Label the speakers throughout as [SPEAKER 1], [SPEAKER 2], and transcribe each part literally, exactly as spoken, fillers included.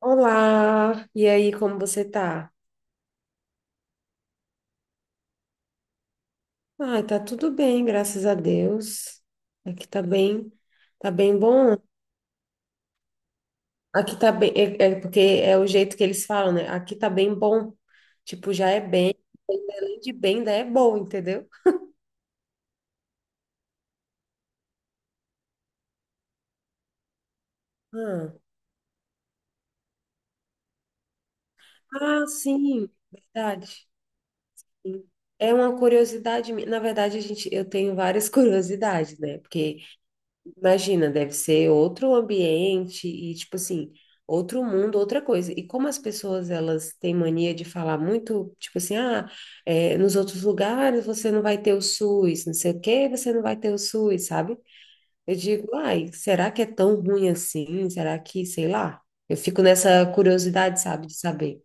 [SPEAKER 1] Olá, e aí, como você tá? Ah, tá tudo bem, graças a Deus. Aqui tá bem, tá bem bom. Aqui tá bem, é, é porque é o jeito que eles falam, né? Aqui tá bem bom. Tipo, já é bem, além de bem, ainda é bom, entendeu? Ah, ah, sim, verdade. Sim. É uma curiosidade, minha, na verdade, a gente, eu tenho várias curiosidades, né? Porque imagina, deve ser outro ambiente e, tipo assim, outro mundo, outra coisa. E como as pessoas, elas têm mania de falar muito, tipo assim, ah, é, nos outros lugares você não vai ter o SUS, não sei o quê, você não vai ter o SUS, sabe? Eu digo, ai, será que é tão ruim assim? Será que, sei lá? Eu fico nessa curiosidade, sabe, de saber.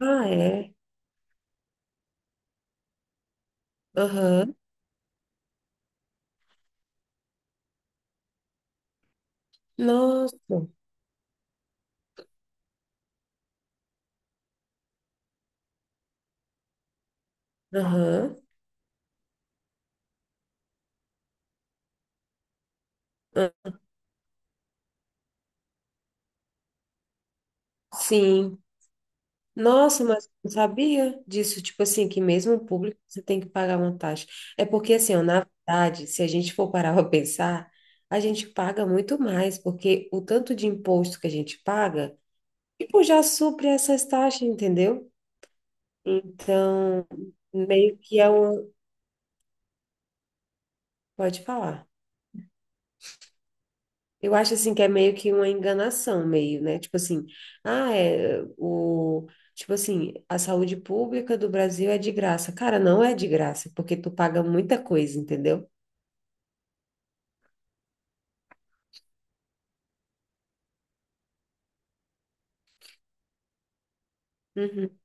[SPEAKER 1] Ah, é? Aham. Nossa. Aham. Ah, sim. Nossa, mas eu não sabia disso, tipo assim, que mesmo o público você tem que pagar uma taxa. É porque, assim, ó, na verdade, se a gente for parar para pensar, a gente paga muito mais, porque o tanto de imposto que a gente paga, tipo, já supre essas taxas, entendeu? Então, meio que é um. Pode falar. Eu acho assim que é meio que uma enganação, meio, né? Tipo assim, ah, é o tipo assim, a saúde pública do Brasil é de graça. Cara, não é de graça, porque tu paga muita coisa, entendeu? Uhum.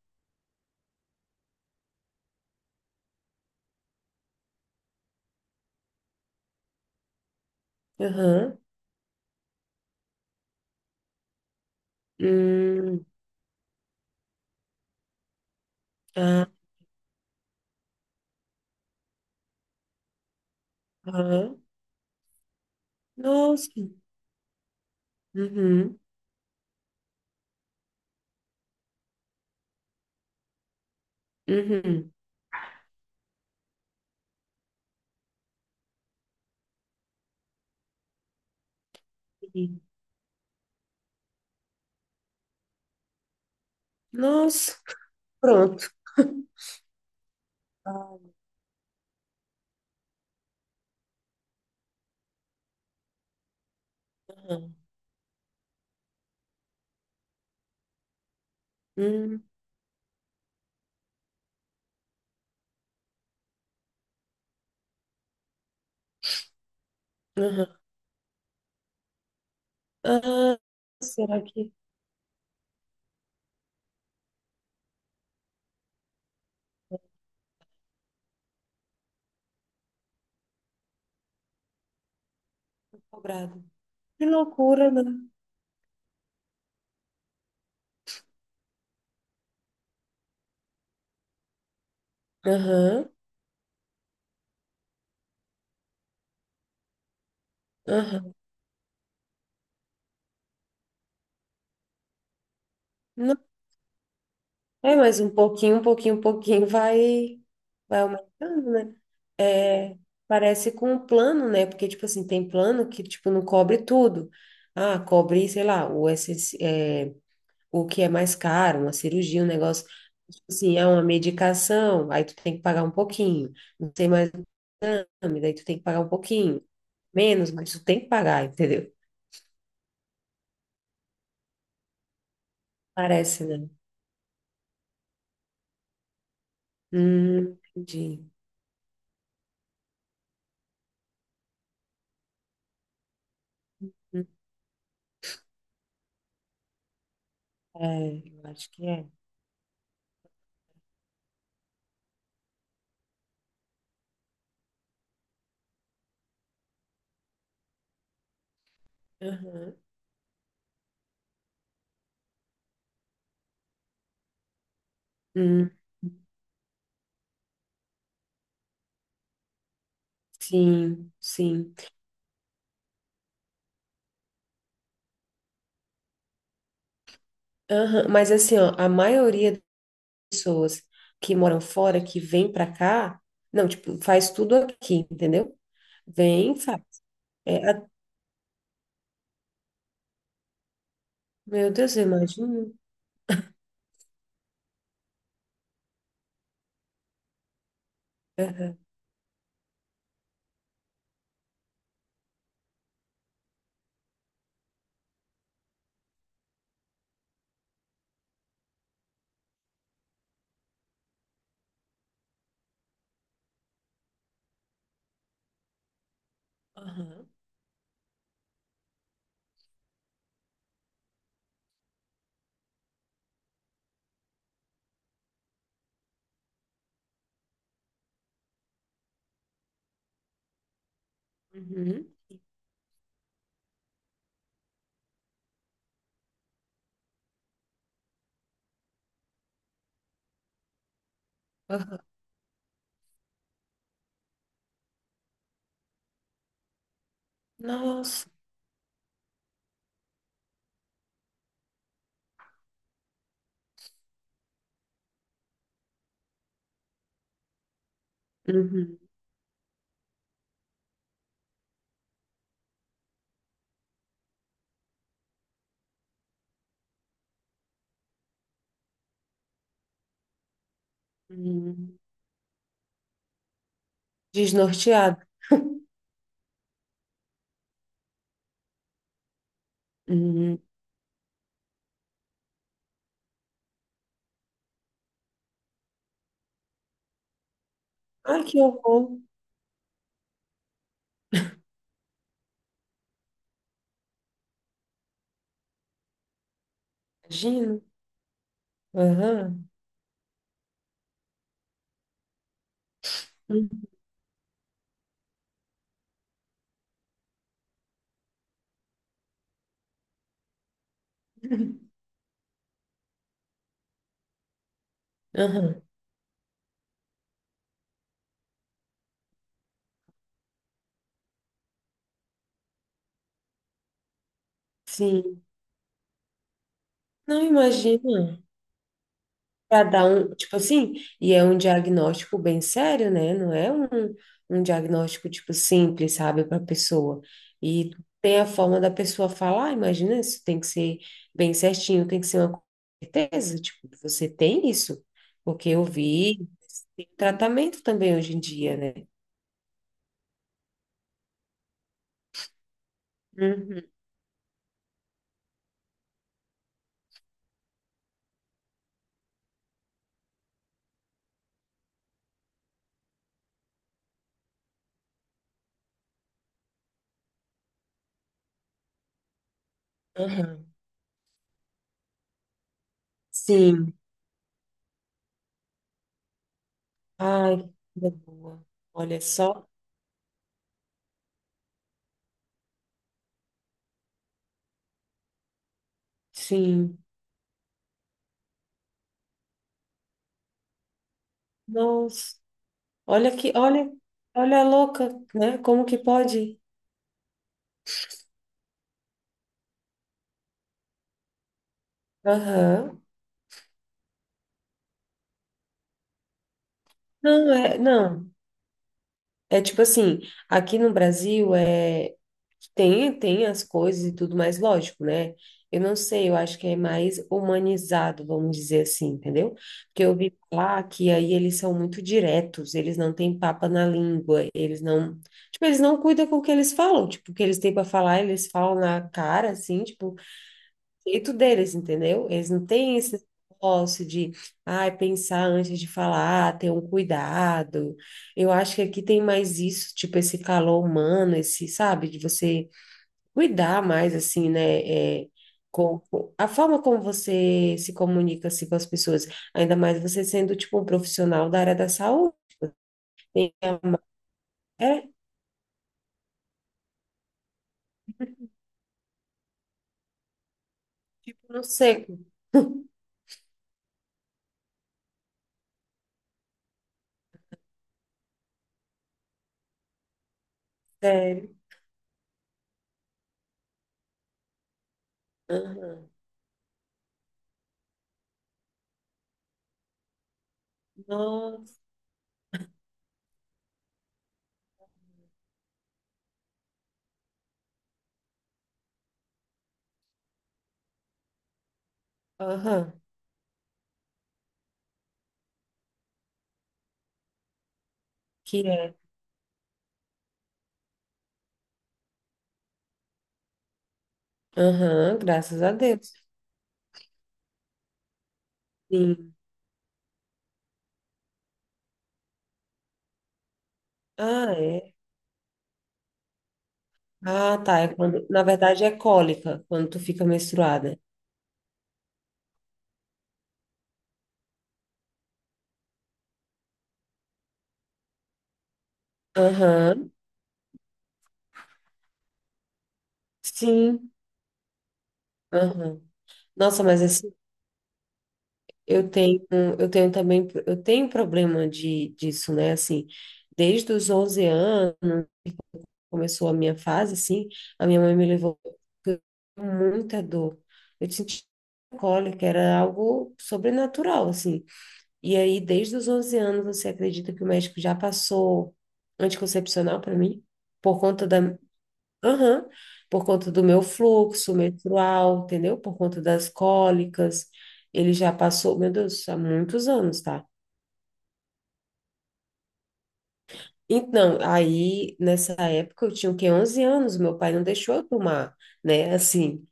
[SPEAKER 1] Aham. Hum. Ah, aham. Nossa. Uhum. Uhum. Uhum. Nossa. Pronto. Ah, aham. Hum. Aham. Ah, será que é cobrado? Que loucura, né? Aham. Aham. É, mas um pouquinho, um pouquinho, um pouquinho vai, vai aumentando, né? É, parece com o plano, né? Porque, tipo assim, tem plano que, tipo, não cobre tudo. Ah, cobre, sei lá, o, essenci- é, o que é mais caro, uma cirurgia, um negócio, tipo assim, é uma medicação, aí tu tem que pagar um pouquinho. Não tem mais exame, daí tu tem que pagar um pouquinho. Menos, mas tu tem que pagar, entendeu? Parece, né? Hum, entendi. Hum, É, eu acho que é. Aham. Hum. Sim, sim. Aham, mas assim, ó, a maioria das pessoas que moram fora, que vem pra cá, não, tipo, faz tudo aqui, entendeu? Vem, e faz. É, a- meu Deus, eu imagino. Aham, aham, uhum, aham. Nossa. Uhum, uhum. Desnorteado. Uhum. Ai, que horror. Imagino. Aham. Uhum. Aham. Sim. Não imagina, para dar um, tipo assim, e é um diagnóstico bem sério, né? Não é um, um diagnóstico, tipo, simples, sabe, para a pessoa. E tem a forma da pessoa falar, imagina, isso tem que ser bem certinho, tem que ser uma certeza, tipo, você tem isso, porque eu vi tratamento também hoje em dia, né? Uhum, aham. Sim. Ai, que vida boa. Olha só. Sim. Nossa. Olha que, olha, olha a louca, né? Como que pode? Aham. Não, é, não. É tipo assim, aqui no Brasil é tem tem as coisas e tudo mais, lógico, né? Eu não sei, eu acho que é mais humanizado, vamos dizer assim, entendeu? Porque eu vi lá que aí eles são muito diretos, eles não têm papa na língua, eles não, tipo, eles não cuidam com o que eles falam, tipo, o que eles têm para falar, eles falam na cara assim, tipo, jeito deles, entendeu? Eles não têm esse negócio de, ai, pensar antes de falar, ter um cuidado. Eu acho que aqui tem mais isso, tipo, esse calor humano, esse, sabe, de você cuidar mais, assim, né? É, com, com- a forma como você se comunica, assim, com as pessoas, ainda mais você sendo, tipo, um profissional da área da saúde. É, é, tipo, não sei. Sério. Aham. Nossa. Aham. Que é. Aham, graças a Deus. Sim. Ah, é. Ah, tá. É quando, na verdade, é cólica, quando tu fica menstruada. Aham. Sim. Aham. Nossa, mas assim, eu tenho, eu tenho também, eu tenho problema de, disso, né? Assim, desde os onze anos, começou a minha fase, assim, a minha mãe me levou com muita dor. Eu senti cólica, era algo sobrenatural, assim. E aí, desde os onze anos, você acredita que o médico já passou anticoncepcional para mim? Por conta da, aham. Por conta do meu fluxo menstrual, entendeu? Por conta das cólicas. Ele já passou, meu Deus, há muitos anos, tá? Então, aí, nessa época, eu tinha, o quê? onze anos, meu pai não deixou eu tomar, né? Assim,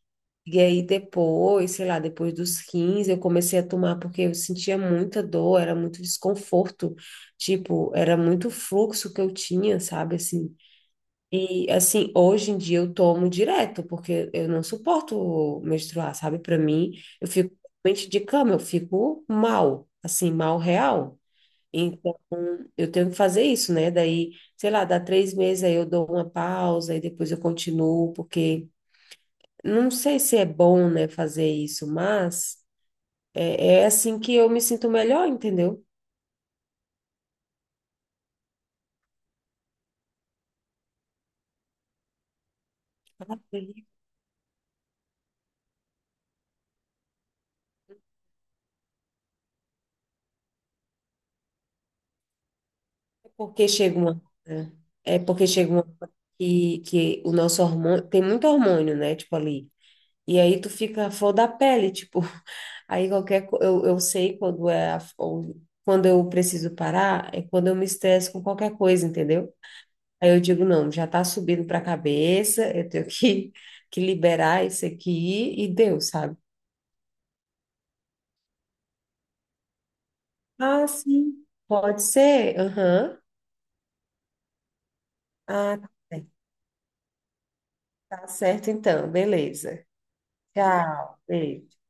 [SPEAKER 1] e aí depois, sei lá, depois dos quinze eu comecei a tomar porque eu sentia muita dor, era muito desconforto, tipo, era muito fluxo que eu tinha, sabe? Assim, e assim, hoje em dia eu tomo direto, porque eu não suporto menstruar, sabe? Para mim, eu fico realmente de cama, eu fico mal, assim, mal real. Então, eu tenho que fazer isso, né? Daí, sei lá, dá três meses, aí eu dou uma pausa e depois eu continuo, porque não sei se é bom, né, fazer isso, mas é, é assim que eu me sinto melhor, entendeu? Porque chega uma hora- é porque chega uma hora que, que o nosso hormônio, tem muito hormônio, né, tipo ali, e aí tu fica a flor da pele, tipo, aí qualquer, co- eu, eu sei quando é, a- ou- quando eu preciso parar, é quando eu me estresso com qualquer coisa, entendeu? Aí eu digo, não, já tá subindo pra cabeça, eu tenho que, que liberar isso aqui e deu, sabe? Ah, sim, pode ser, aham. Ah, tá certo. Tá certo então, beleza. Tchau, beijo.